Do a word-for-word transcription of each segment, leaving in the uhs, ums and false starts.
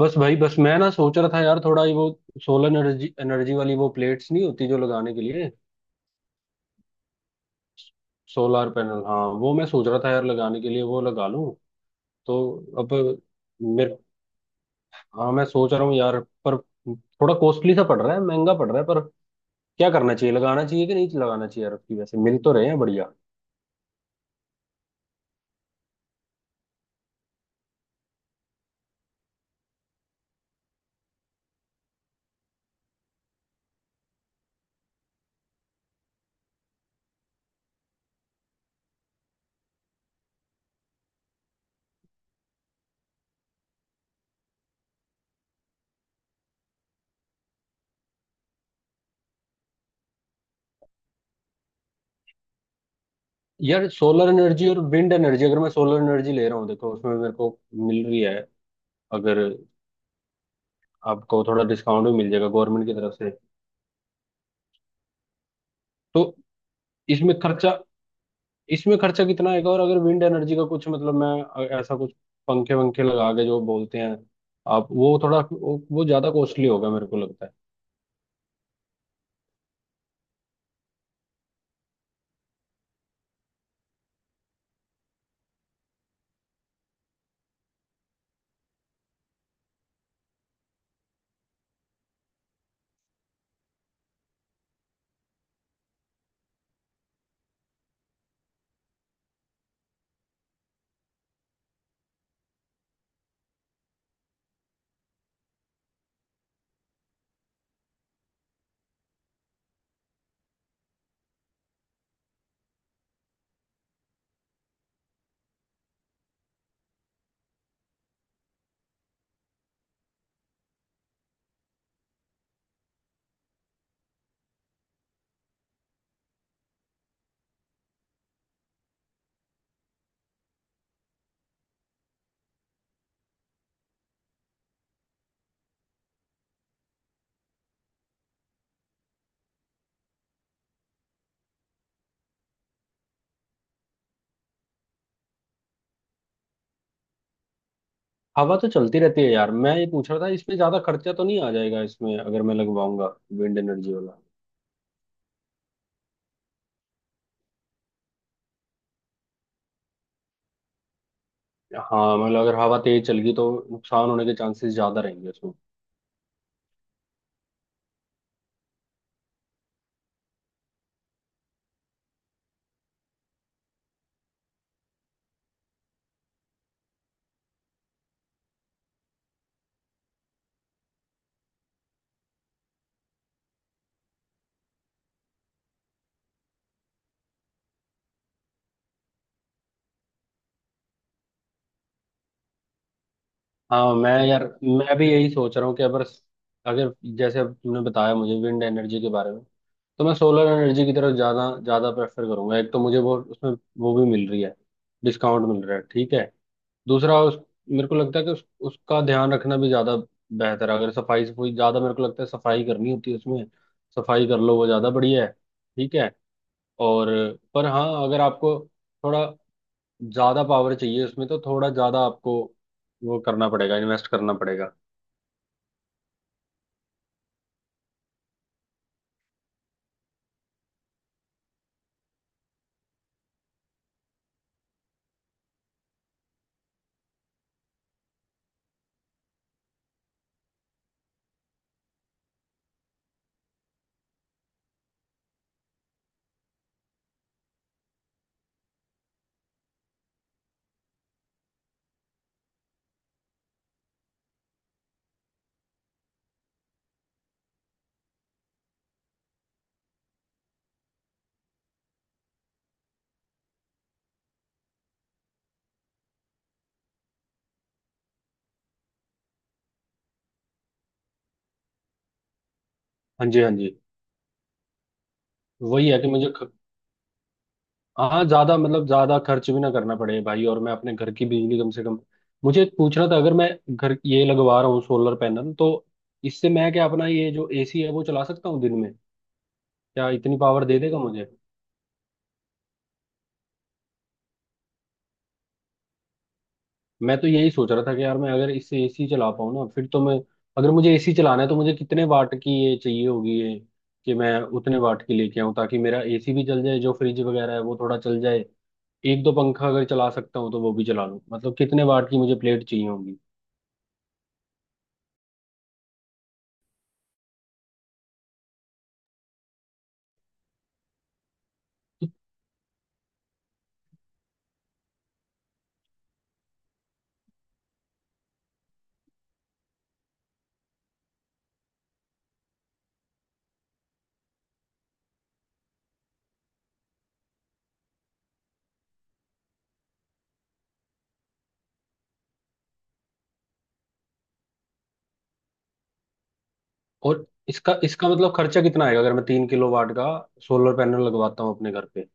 बस भाई बस मैं ना सोच रहा था यार, थोड़ा ये वो सोलर एनर्जी एनर्जी वाली वो प्लेट्स नहीं होती जो लगाने के लिए। सोलर पैनल, हाँ, वो मैं सोच रहा था यार, लगाने के लिए वो लगा लूं तो। अब मेरे हाँ, मैं सोच रहा हूँ यार, पर थोड़ा कॉस्टली सा पड़ रहा है, महंगा पड़ रहा है, पर क्या करना चाहिए, लगाना चाहिए कि नहीं लगाना चाहिए यार। अब की वैसे मिल तो रहे हैं बढ़िया। यार सोलर एनर्जी और विंड एनर्जी, अगर मैं सोलर एनर्जी ले रहा हूँ, देखो उसमें मेरे को मिल रही है। अगर आपको थोड़ा डिस्काउंट भी मिल जाएगा गवर्नमेंट की तरफ से, तो इसमें खर्चा इसमें खर्चा कितना आएगा? और अगर विंड एनर्जी का कुछ मतलब, मैं अ, ऐसा कुछ पंखे वंखे लगा के जो बोलते हैं आप, वो थोड़ा वो, वो ज्यादा कॉस्टली होगा मेरे को लगता है। हवा तो चलती रहती है यार, मैं ये पूछ रहा था इसमें ज्यादा खर्चा तो नहीं आ जाएगा इसमें, अगर मैं लगवाऊंगा विंड एनर्जी वाला। हाँ मतलब अगर हवा तेज चल गई तो नुकसान होने के चांसेस ज्यादा रहेंगे उसमें। हाँ मैं यार, मैं भी यही सोच रहा हूँ कि अगर, अगर जैसे अब तुमने बताया मुझे विंड एनर्जी के बारे में, तो मैं सोलर एनर्जी की तरफ ज़्यादा ज़्यादा प्रेफर करूंगा। एक तो मुझे वो, उसमें वो भी मिल रही है, डिस्काउंट मिल रहा है, ठीक है। दूसरा उस, मेरे को लगता है कि उस, उसका ध्यान रखना भी ज़्यादा बेहतर है। अगर सफाई, सफाई ज़्यादा मेरे को लगता है सफाई करनी होती है उसमें, सफाई कर लो वो ज़्यादा बढ़िया है, ठीक है। और पर हाँ, अगर आपको थोड़ा ज़्यादा पावर चाहिए उसमें, तो थोड़ा ज़्यादा आपको वो करना पड़ेगा, इन्वेस्ट करना पड़ेगा। हाँ जी, हाँ जी। वही है कि मुझे, हाँ, ज्यादा मतलब ज्यादा खर्च भी ना करना पड़े भाई, और मैं अपने घर की बिजली कम से कम। मुझे एक पूछना था, अगर मैं घर ये लगवा रहा हूँ सोलर पैनल, तो इससे मैं क्या अपना ये जो एसी है वो चला सकता हूँ दिन में? क्या इतनी पावर दे देगा मुझे? मैं तो यही सोच रहा था कि यार मैं अगर इससे एसी चला पाऊँ ना, फिर तो मैं। अगर मुझे एसी चलाना है तो मुझे कितने वाट की ये चाहिए होगी ये, कि मैं उतने वाट की लेके आऊँ ताकि मेरा एसी भी चल जाए, जो फ्रिज वगैरह है वो थोड़ा चल जाए, एक दो पंखा अगर चला सकता हूँ तो वो भी चला लूँ, मतलब कितने वाट की मुझे प्लेट चाहिए? और इसका इसका मतलब खर्चा कितना आएगा अगर मैं तीन किलो वाट का सोलर पैनल लगवाता हूँ अपने घर पे?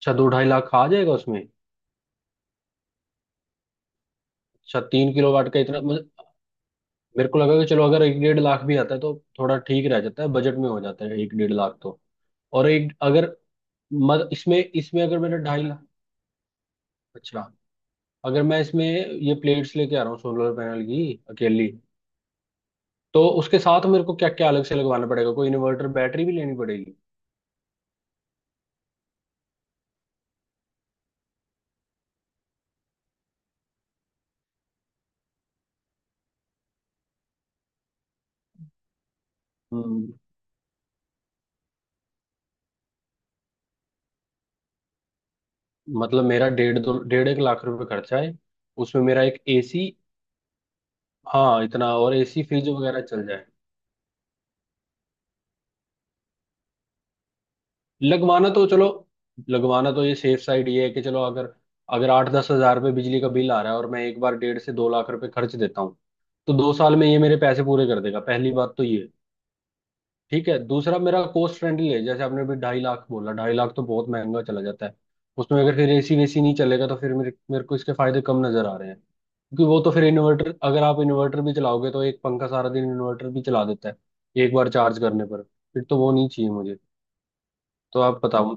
अच्छा, दो ढाई लाख आ जाएगा उसमें? अच्छा, तीन किलो वाट का इतना मुझे-। मेरे को लगा कि चलो, अगर एक डेढ़ लाख भी आता है तो थोड़ा ठीक रह जाता है, बजट में हो जाता है एक डेढ़ लाख तो। और एक अगर, मत इसमें इसमें अगर मेरा ढाई लाख। अच्छा, अगर मैं इसमें ये प्लेट्स लेके आ रहा हूँ सोलर पैनल की, अकेली, तो उसके साथ मेरे को क्या क्या अलग से लगवाना पड़ेगा? कोई इन्वर्टर, बैटरी भी लेनी पड़ेगी? हम्म। मतलब मेरा डेढ़ दो डेढ़ एक लाख रुपए खर्चा है, उसमें मेरा एक एसी। हाँ इतना, और एसी फ्रिज वगैरह चल जाए। लगवाना तो, चलो, लगवाना तो ये सेफ साइड ये है कि चलो, अगर अगर आठ दस हजार रुपये बिजली का बिल आ रहा है और मैं एक बार डेढ़ से दो लाख रुपए खर्च देता हूँ तो दो साल में ये मेरे पैसे पूरे कर देगा, पहली बात तो ये। ठीक है, दूसरा मेरा कॉस्ट फ्रेंडली है। जैसे आपने अभी ढाई लाख बोला, ढाई लाख तो बहुत महंगा चला जाता है। उसमें अगर फिर एसी वेसी नहीं चलेगा तो फिर मेरे मेरे को इसके फायदे कम नजर आ रहे हैं, क्योंकि वो तो फिर इन्वर्टर, अगर आप इन्वर्टर भी चलाओगे तो एक पंखा सारा दिन इन्वर्टर भी चला देता है एक बार चार्ज करने पर, फिर तो वो नहीं चाहिए मुझे। तो आप बताओ।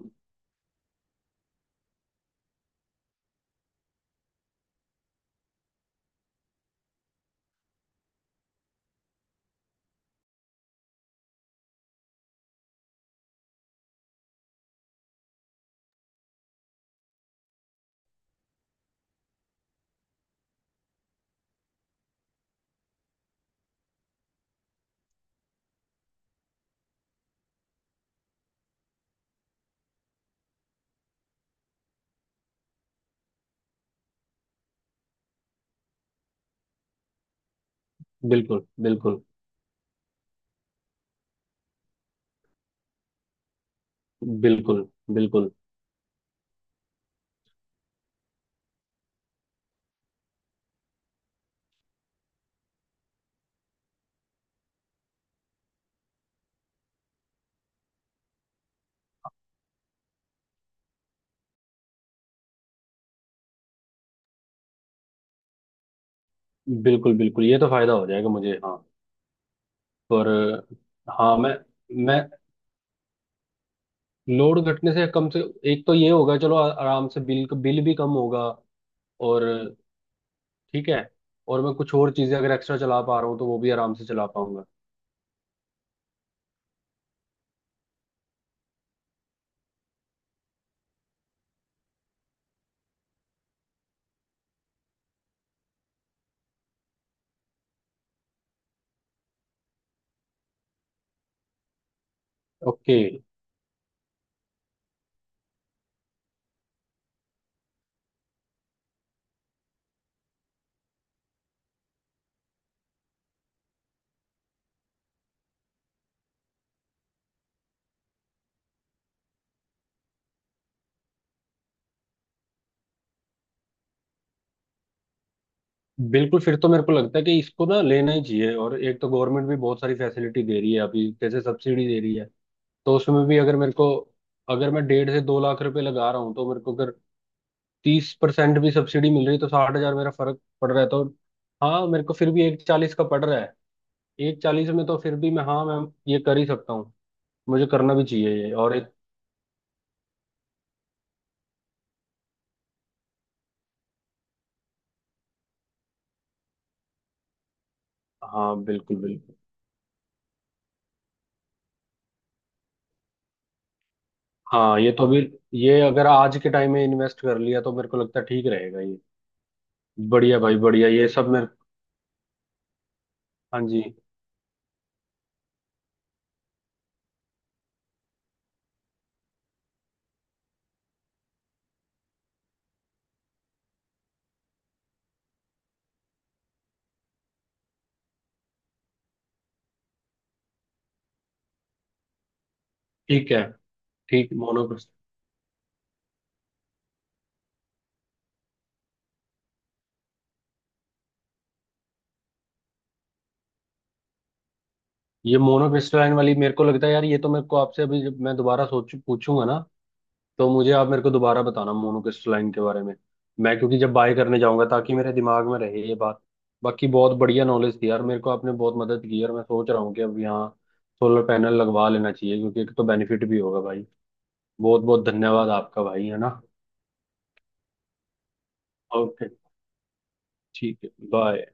बिल्कुल, बिल्कुल। बिल्कुल, बिल्कुल। बिल्कुल, बिल्कुल, ये तो फायदा हो जाएगा मुझे, हाँ। पर हाँ, मैं मैं लोड घटने से कम से, एक तो ये होगा, चलो, आ- आराम से बिल, बिल भी कम होगा। और ठीक है, और मैं कुछ और चीजें अगर एक्स्ट्रा चला पा रहा हूँ तो वो भी आराम से चला पाऊंगा। ओके। बिल्कुल, फिर तो मेरे को लगता है कि इसको ना लेना ही चाहिए। और एक तो गवर्नमेंट भी बहुत सारी फैसिलिटी दे रही है अभी, जैसे सब्सिडी दे रही है, तो उसमें भी अगर मेरे को, अगर मैं डेढ़ से दो लाख रुपए लगा रहा हूँ तो मेरे को अगर तीस परसेंट भी सब्सिडी मिल रही है तो साठ हजार मेरा फर्क पड़ रहा है, तो हाँ मेरे को फिर भी एक चालीस का पड़ रहा है। एक चालीस में तो फिर भी मैं, हाँ मैम, ये कर ही सकता हूँ। मुझे करना भी चाहिए ये। और एक, हाँ बिल्कुल, बिल्कुल। हाँ ये तो भी, ये अगर आज के टाइम में इन्वेस्ट कर लिया तो मेरे को लगता है ठीक रहेगा ये। बढ़िया भाई, बढ़िया, ये सब मेरे। हाँ जी। ठीक है। ठीक, मोनोक्रिस्टल। ये मोनोक्रिस्टलाइन वाली मेरे को लगता है यार, ये तो मेरे को आपसे अभी जब मैं दोबारा सोच पूछूंगा ना, तो मुझे आप मेरे को दोबारा बताना मोनोक्रिस्टलाइन के बारे में। मैं क्योंकि जब बाय करने जाऊंगा, ताकि मेरे दिमाग में रहे ये बात। बाकी बहुत बढ़िया नॉलेज थी यार, मेरे को आपने बहुत मदद की यार। मैं सोच रहा हूँ कि अब यहाँ सोलर पैनल लगवा लेना चाहिए, क्योंकि एक तो बेनिफिट भी होगा भाई। बहुत बहुत धन्यवाद आपका भाई, है ना। ओके, ठीक है, बाय।